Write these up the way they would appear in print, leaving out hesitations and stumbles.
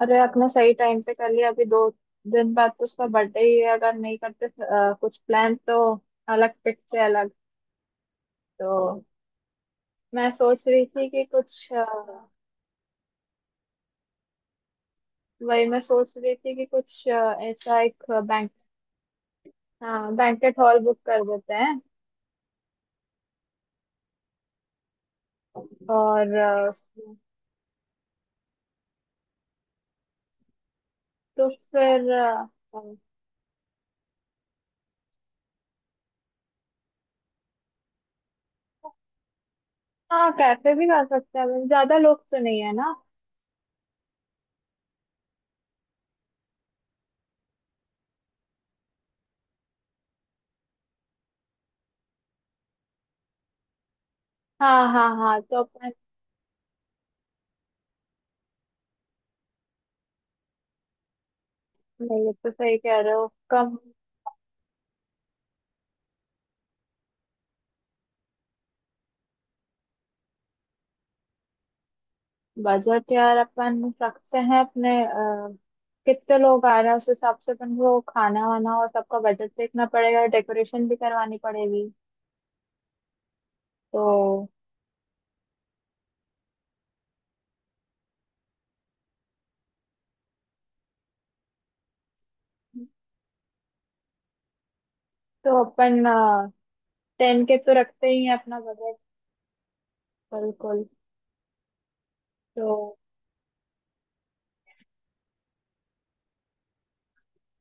अरे आपने सही टाइम पे कर लिया। अभी दो दिन बाद तो उसका बर्थडे ही है। अगर नहीं करते कुछ प्लान तो अलग पिट से अलग। तो मैं सोच रही थी कि कुछ वही मैं सोच रही थी कि कुछ अ, ऐसा एक बैंक हाँ, बैंकेट हॉल बुक कर देते हैं। और तो फिर हाँ, कैफे भी कर सकते हैं। ज्यादा लोग तो नहीं है ना। हाँ हाँ हाँ, तो अपन। नहीं, ये तो सही कह रहे हो। कम बजट यार अपन रखते हैं अपने। कितने लोग आ रहे हैं उस हिसाब से अपन को खाना वाना और सबका बजट देखना पड़ेगा। डेकोरेशन भी करवानी पड़ेगी। तो तो अपन टेन के तो रखते ही है अपना बजट। बिल्कुल। तो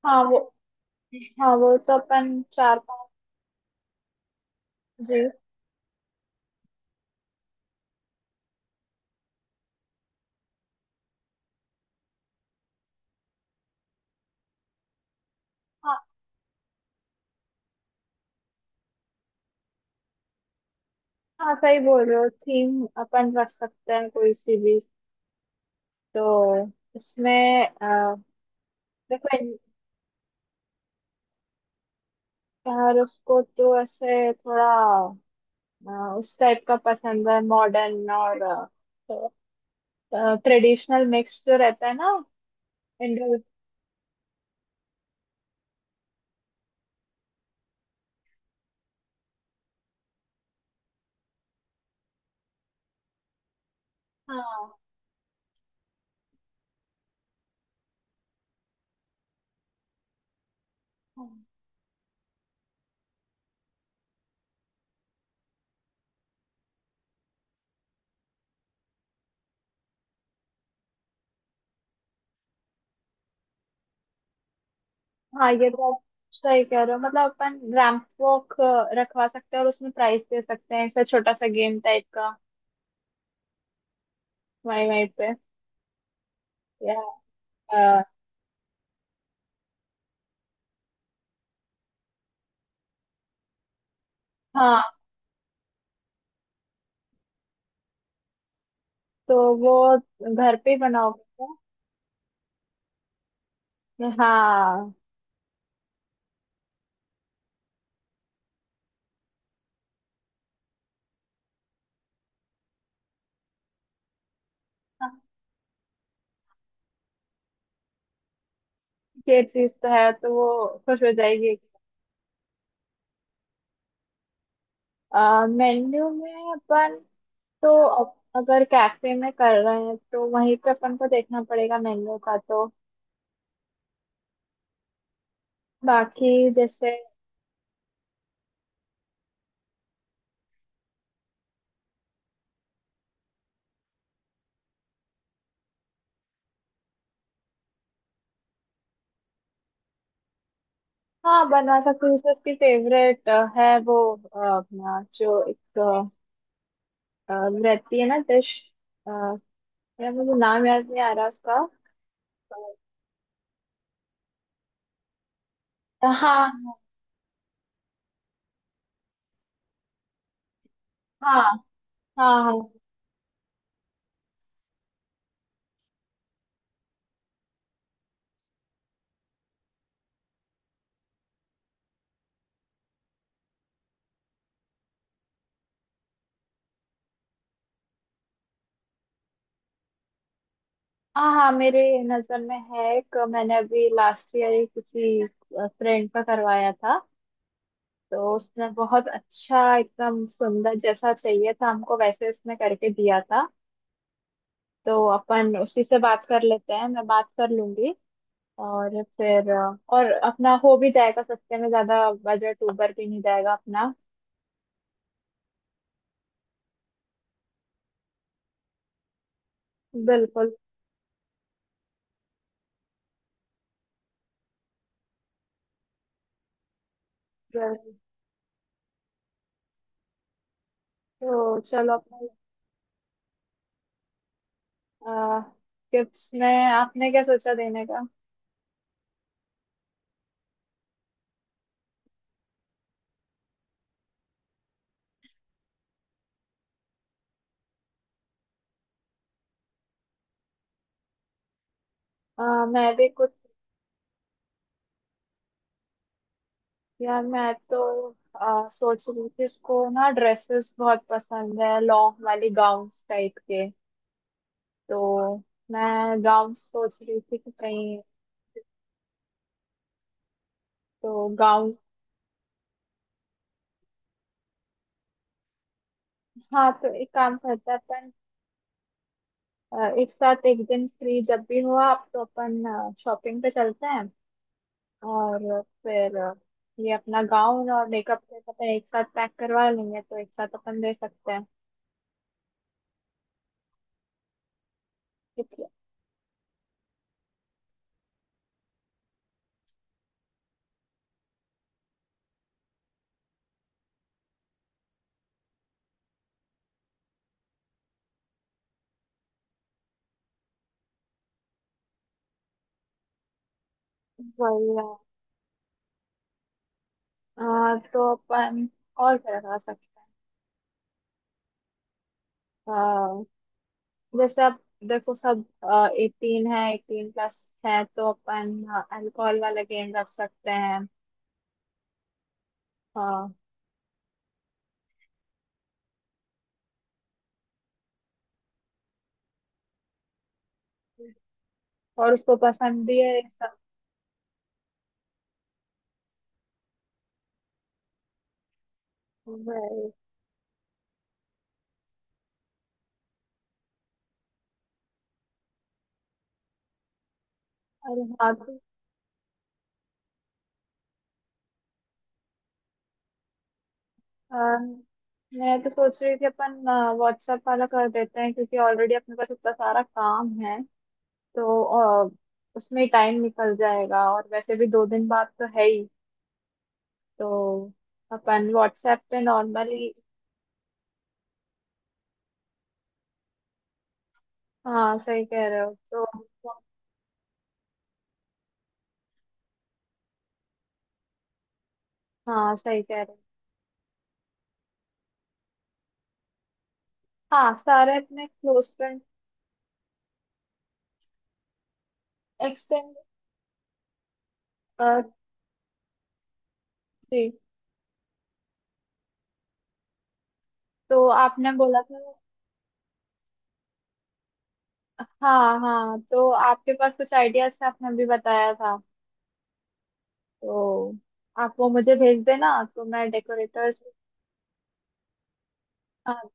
हाँ वो, हाँ वो तो अपन चार पाँच। जी हाँ हाँ, सही बोल रहे हो। थीम अपन रख सकते हैं कोई सी भी। तो इसमें देखो यार उसको तो ऐसे थोड़ा अ, उस टाइप का पसंद है। मॉडर्न और ट्रेडिशनल मिक्स जो रहता है ना। इंडो। हाँ हाँ हाँ, ये तो आप सही कह रहे हो। मतलब अपन रैंप वॉक रखवा सकते हैं और उसमें प्राइस दे सकते हैं, ऐसा छोटा सा गेम टाइप का। वहीं वहीं पे। या अ, हाँ। तो वो घर पे ही बनाओगे क्या? हाँ हाँ, ये चीज तो है तो वो खुश हो जाएगी। मेन्यू में अपन तो अगर कैफे में कर रहे हैं तो वहीं पे अपन को देखना पड़ेगा मेन्यू का। तो बाकी जैसे हाँ, बनवा सकते हैं। जैसे उसकी फेवरेट है वो अपना जो एक अ, रहती है ना डिश। यार मुझे नाम याद नहीं आ रहा उसका। हाँ हाँ हाँ हाँ हाँ हाँ, मेरे नजर में है एक। मैंने अभी लास्ट ईयर किसी फ्रेंड का करवाया था। तो उसने बहुत अच्छा, एकदम सुंदर जैसा चाहिए था हमको वैसे, उसने करके दिया था। तो अपन उसी से बात कर लेते हैं, मैं बात कर लूंगी। और फिर और अपना हो भी जाएगा सस्ते में, ज्यादा बजट ऊबर भी नहीं जाएगा अपना। बिल्कुल। जरूर। तो चलो अपने। गिफ्ट्स में आपने क्या सोचा देने का? अ, मैं भी कुछ। यार मैं तो सोच रही थी, इसको ना ड्रेसेस बहुत पसंद है, लॉन्ग वाली गाउन टाइप के। तो मैं गांव सोच रही थी कि कहीं। तो गांव। हाँ, तो एक काम करते हैं अपन। एक साथ एक दिन फ्री जब भी हो आप, तो अपन शॉपिंग पे चलते हैं। और फिर ये अपना गाउन और मेकअप किट अपन एक साथ पैक करवा लेंगे, तो एक साथ अपन दे सकते हैं। ठीक है। वही है। तो अपन और क्या करा सकते हैं? जैसे अब देखो सब एटीन है, एटीन प्लस है, तो अपन अल्कोहल वाला गेम रख सकते हैं। हाँ, और उसको पसंद भी है ये सब, भाई। अरे हाँ, तो अम, मैं तो सोच रही थी अपन व्हाट्सएप वाला कर देते हैं, क्योंकि ऑलरेडी अपने पास इतना सारा काम है। तो अ, उसमें टाइम निकल जाएगा। और वैसे भी दो दिन बाद तो है ही। तो अपन व्हाट्सएप पे नॉर्मली। हाँ सही कह रहे हो। तो हाँ सही कह रहे हो। हाँ, सारे अपने क्लोज फ्रेंड एक्सटेंड। जी, तो आपने बोला था। हाँ हाँ, तो आपके पास कुछ आइडियाज थे, आपने अभी बताया था। तो आप वो मुझे भेज देना, तो मैं डेकोरेटर्स। हाँ।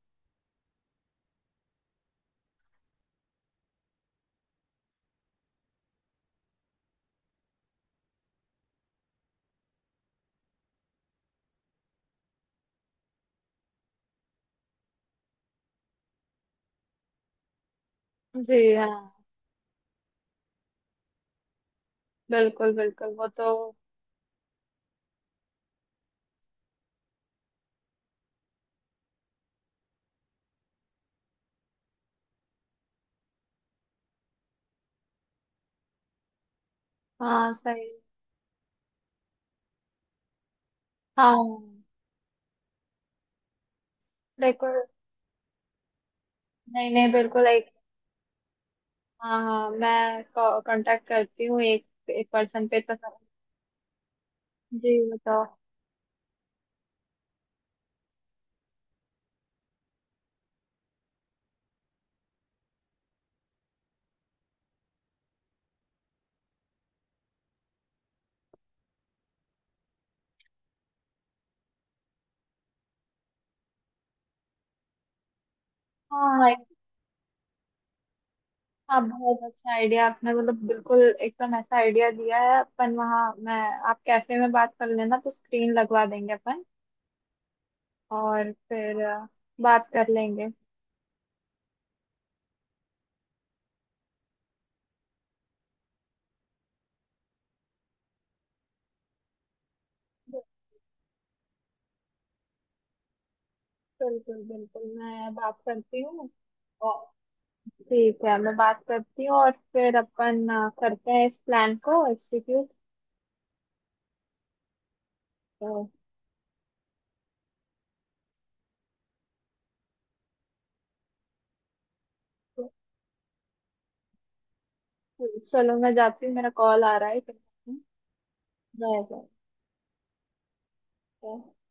जी हाँ, बिल्कुल बिल्कुल वो तो। हाँ सही। हाँ डेकोर नहीं नहीं, बिल्कुल एक। हाँ हाँ, मैं कांटेक्ट करती हूँ, एक एक पर्सन पे तो जी बताओ। हाँ हाँ एक, हाँ बहुत अच्छा आइडिया आपने मतलब बिल्कुल एकदम ऐसा आइडिया दिया है। अपन वहाँ मैं। आप कैफे में बात कर लेना तो स्क्रीन लगवा देंगे अपन। और फिर बात कर लेंगे। बिल्कुल बिल्कुल, मैं बात करती हूँ। और ठीक है, मैं बात करती हूँ। और फिर अपन करते हैं इस प्लान को एग्जीक्यूट। बिल्कुल। चलो, मैं जाती हूँ, मेरा कॉल आ रहा है। Bye bye.